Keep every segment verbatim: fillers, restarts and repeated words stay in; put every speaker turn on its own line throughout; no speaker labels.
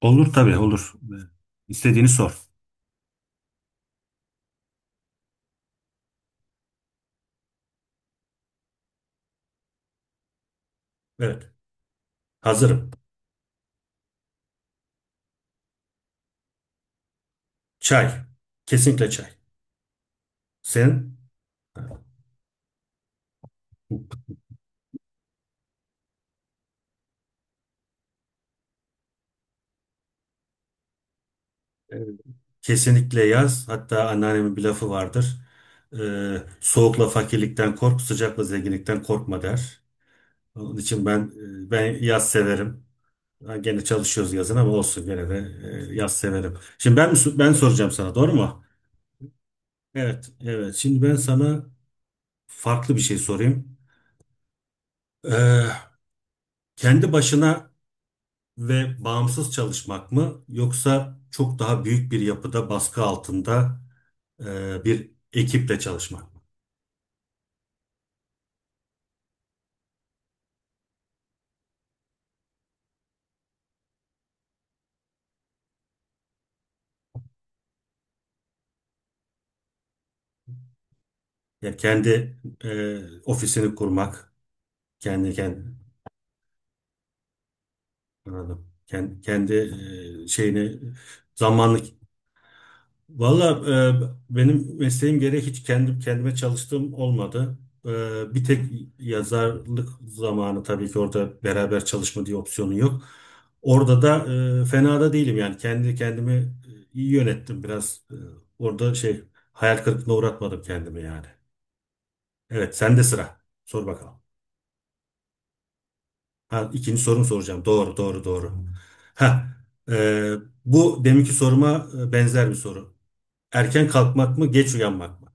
Olur tabii olur. İstediğini sor. Evet. Hazırım. Çay. Kesinlikle çay. Sen? Evet. Kesinlikle yaz. Hatta anneannemin bir lafı vardır. Ee, soğukla fakirlikten kork, sıcakla zenginlikten korkma der. Onun için ben e, ben yaz severim. Ha, gene çalışıyoruz yazın ama olsun gene de e, yaz severim. Şimdi ben mi so- ben soracağım sana doğru mu? Evet, evet. Şimdi ben sana farklı bir şey sorayım. Ee, kendi başına ve bağımsız çalışmak mı yoksa çok daha büyük bir yapıda baskı altında e, bir ekiple çalışmak mı? Yani kendi e, ofisini kurmak, kendi kendi Anladım. Kendi, kendi e, şeyini zamanlı. Valla e, benim mesleğim gereği hiç kendim kendime çalıştığım olmadı. E, bir tek yazarlık zamanı tabii ki orada beraber çalışma diye opsiyonun yok. Orada da e, fena da değilim yani kendi kendimi e, iyi yönettim biraz. E, orada şey hayal kırıklığına uğratmadım kendimi yani. Evet, sende sıra. Sor bakalım. Ha, ikinci sorumu soracağım. Doğru doğru doğru. Ha, e, bu deminki soruma e, benzer bir soru. Erken kalkmak mı geç uyanmak mı?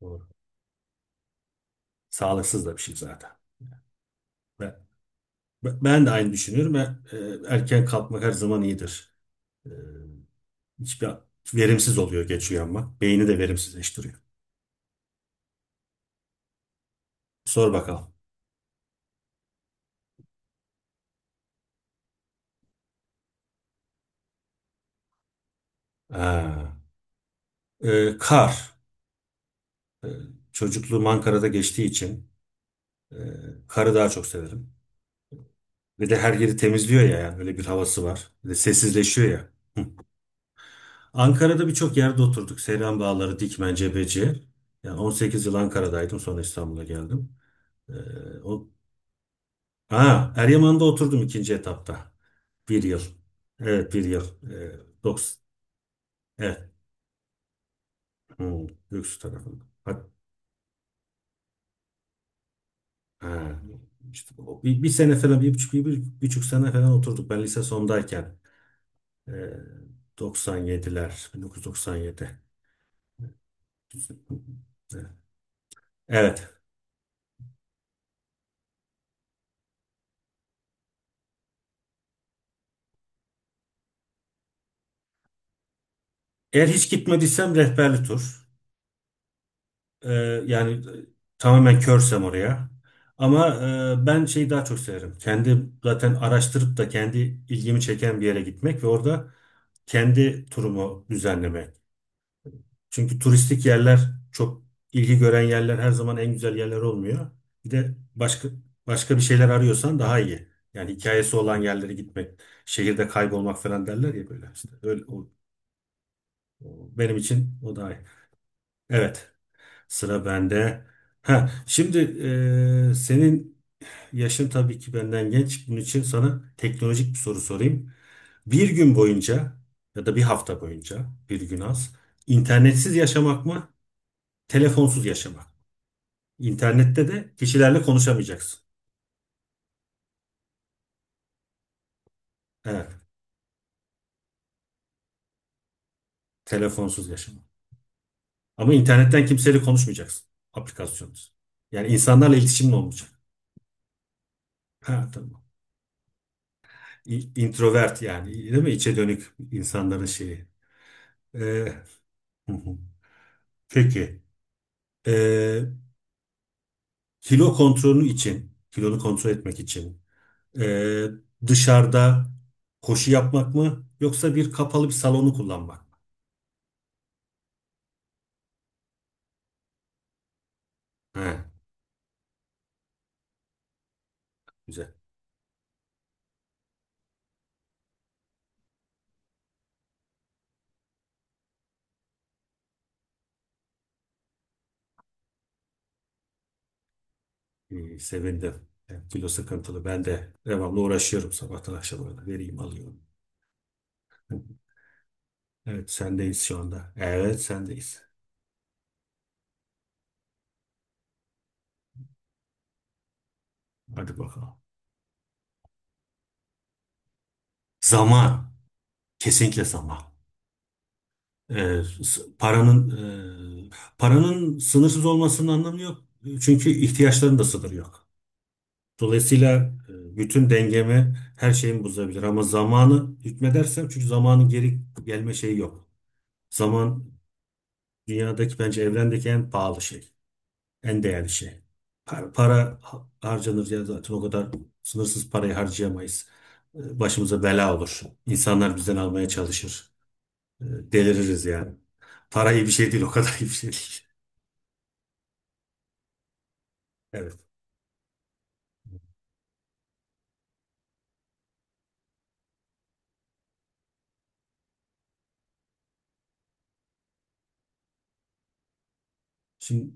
Doğru. Sağlıksız da bir şey zaten. Ben, ben de aynı düşünüyorum. E, e, Erken kalkmak her zaman iyidir. E, Hiçbir verimsiz oluyor geç uyanmak. Beyni de verimsizleştiriyor. Sor bakalım. Ha. E, kar. Çocukluğum Ankara'da geçtiği için e, karı daha çok severim. Ve de her yeri temizliyor ya yani öyle bir havası var. Bir de sessizleşiyor ya. Ankara'da birçok yerde oturduk. Seyran Bağları, Dikmen, Cebeci. Yani on sekiz yıl Ankara'daydım, sonra İstanbul'a geldim. E, o Ha, Eryaman'da oturdum ikinci etapta. Bir yıl. Evet, bir yıl. Ee, dokuz. Evet. Hmm, Göksu tarafında. Hat- Ha, işte o bir, bir sene falan bir buçuk, bir, bir buçuk sene falan oturduk. Ben lise sondayken. Ee, doksan yediler. bin dokuz yüz doksan yedi. Evet. Eğer hiç gitmediysem rehberli tur. Ee, yani e, tamamen körsem oraya. Ama e, ben şeyi daha çok severim. Kendi zaten araştırıp da kendi ilgimi çeken bir yere gitmek ve orada kendi turumu düzenlemek. Çünkü turistik yerler, çok ilgi gören yerler her zaman en güzel yerler olmuyor. Bir de başka başka bir şeyler arıyorsan daha iyi. Yani hikayesi olan yerlere gitmek, şehirde kaybolmak falan derler ya böyle. İşte öyle o- o- benim için o daha iyi. Evet. Sıra bende. Ha, şimdi e, senin yaşın tabii ki benden genç. Bunun için sana teknolojik bir soru sorayım. Bir gün boyunca ya da bir hafta boyunca bir gün az internetsiz yaşamak mı, telefonsuz yaşamak mı? İnternette de kişilerle konuşamayacaksın. Evet, telefonsuz yaşamak. Ama internetten kimseyle konuşmayacaksın. Aplikasyonsuz. Yani insanlarla iletişimin olmayacak. Ha, tamam. İ- Introvert yani değil mi? İçe dönük insanların şeyi. Ee, Peki, e, kilo kontrolü için, kilonu kontrol etmek için e, dışarıda koşu yapmak mı yoksa bir kapalı bir salonu kullanmak mı? He, güzel. İyi, sevindim. Yani kilo sıkıntılı. Ben de devamlı uğraşıyorum sabahtan akşama kadar. Vereyim alıyorum. Evet, sendeyiz şu anda. Evet, sendeyiz. Hadi bakalım. Zaman, kesinlikle zaman. E, s- paranın e, paranın sınırsız olmasının anlamı yok. Çünkü ihtiyaçların da sınırı yok. Dolayısıyla e, bütün dengemi, her şeyimi bozabilir. Ama zamanı hükmedersem, çünkü zamanın geri gelme şeyi yok. Zaman dünyadaki, bence evrendeki en pahalı şey. En değerli şey. Para, para ha- harcanır ya zaten, o kadar sınırsız parayı harcayamayız. E, Başımıza bela olur. İnsanlar bizden almaya çalışır. E, Deliririz yani. Para iyi bir şey değil, o kadar iyi bir şey değil. Evet. Şimdi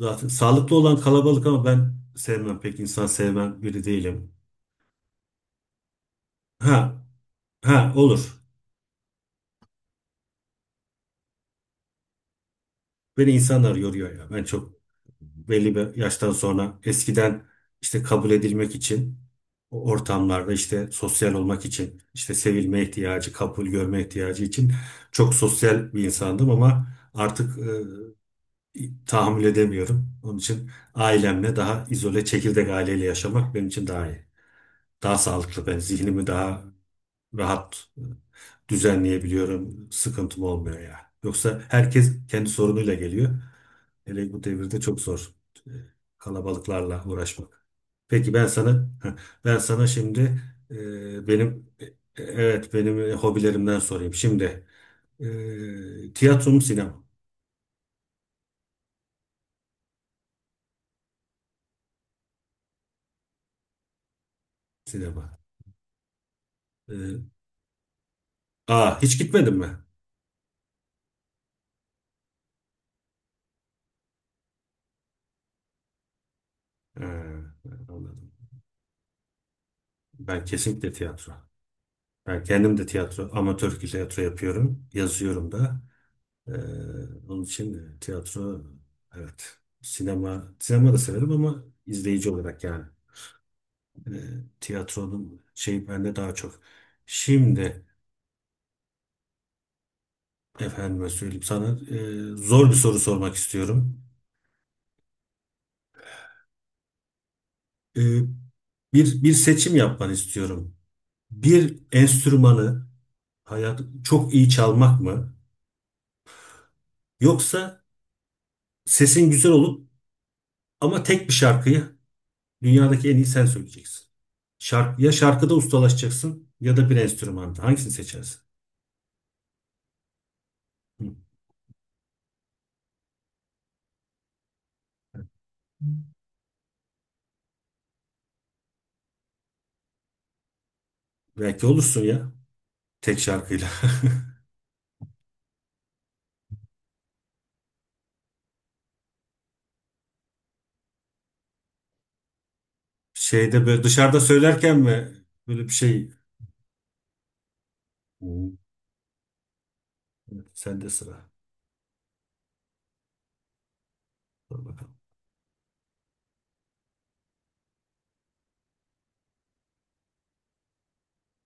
zaten sağlıklı olan kalabalık, ama ben sevmem, pek insan sevmem biri değilim. Ha, ha olur. Beni insanlar yoruyor ya. Ben çok belli bir yaştan sonra, eskiden işte kabul edilmek için, o ortamlarda işte sosyal olmak için, işte sevilme ihtiyacı, kabul görme ihtiyacı için çok sosyal bir insandım, ama artık e, tahammül edemiyorum. Onun için ailemle daha izole, çekirdek aileyle yaşamak benim için daha iyi. Daha sağlıklı, ben zihnimi daha rahat e, düzenleyebiliyorum. Sıkıntım olmuyor ya. Yoksa herkes kendi sorunuyla geliyor. Hele bu devirde çok zor e, kalabalıklarla uğraşmak. Peki ben sana ben sana şimdi e, benim e, evet benim e, hobilerimden sorayım. Şimdi e, tiyatro mu sinema mı? Sinema. E, aa, hiç gitmedin mi? Ha, anladım. Ben kesinlikle tiyatro. Ben kendim de tiyatro, amatör tiyatro yapıyorum. Yazıyorum da. Ee, onun için e, tiyatro, evet. Sinema, sinema da severim ama izleyici olarak yani. Ee, tiyatronun şeyi bende daha çok. Şimdi efendime söyleyeyim, sana e, zor bir soru sormak istiyorum. Ee, bir bir seçim yapmanı istiyorum. Bir enstrümanı hayat çok iyi çalmak mı? Yoksa sesin güzel olup ama tek bir şarkıyı dünyadaki en iyi sen söyleyeceksin. Şark, ya şarkıda ustalaşacaksın ya da bir enstrümanda. Hangisini seçersin? Hı. Belki olursun ya, tek şarkıyla. Şeyde, böyle dışarıda söylerken mi, böyle bir şey? Hmm. Evet, sende sıra. Dur bakalım.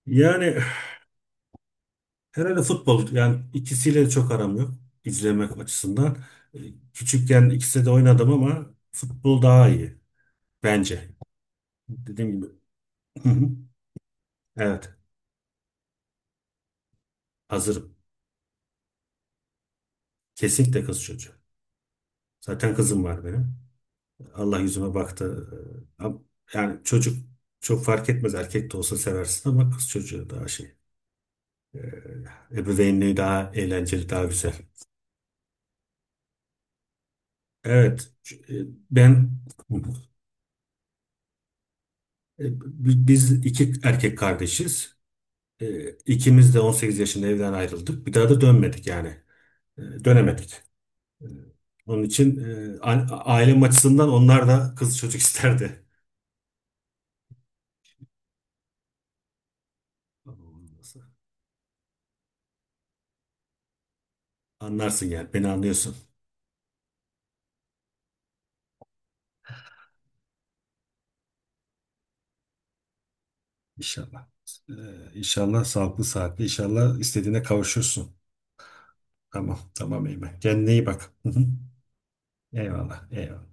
Yani herhalde futbol, yani ikisiyle de çok aram yok izlemek açısından. Ee, Küçükken ikisi de oynadım ama futbol daha iyi bence. Dediğim gibi. Evet, hazırım. Kesinlikle kız çocuğu. Zaten kızım var benim. Allah yüzüme baktı. Ee, am- Yani çocuk çok fark etmez. Erkek de olsa seversin, ama kız çocuğu daha şey. e, Ebeveynliği daha eğlenceli, daha güzel. Evet. e, Ben e, bi- biz iki erkek kardeşiz. E, İkimiz de on sekiz yaşında evden ayrıldık. Bir daha da dönmedik yani. E, Dönemedik. E, Onun için e, a- ailem açısından onlar da kız çocuk isterdi. Anlarsın yani. Beni anlıyorsun. İnşallah. Ee, inşallah sağlıklı, saatli. İnşallah istediğine kavuşursun. Tamam. Tamam Eymen. Kendine iyi bak. Hı hı. Eyvallah. Eyvallah.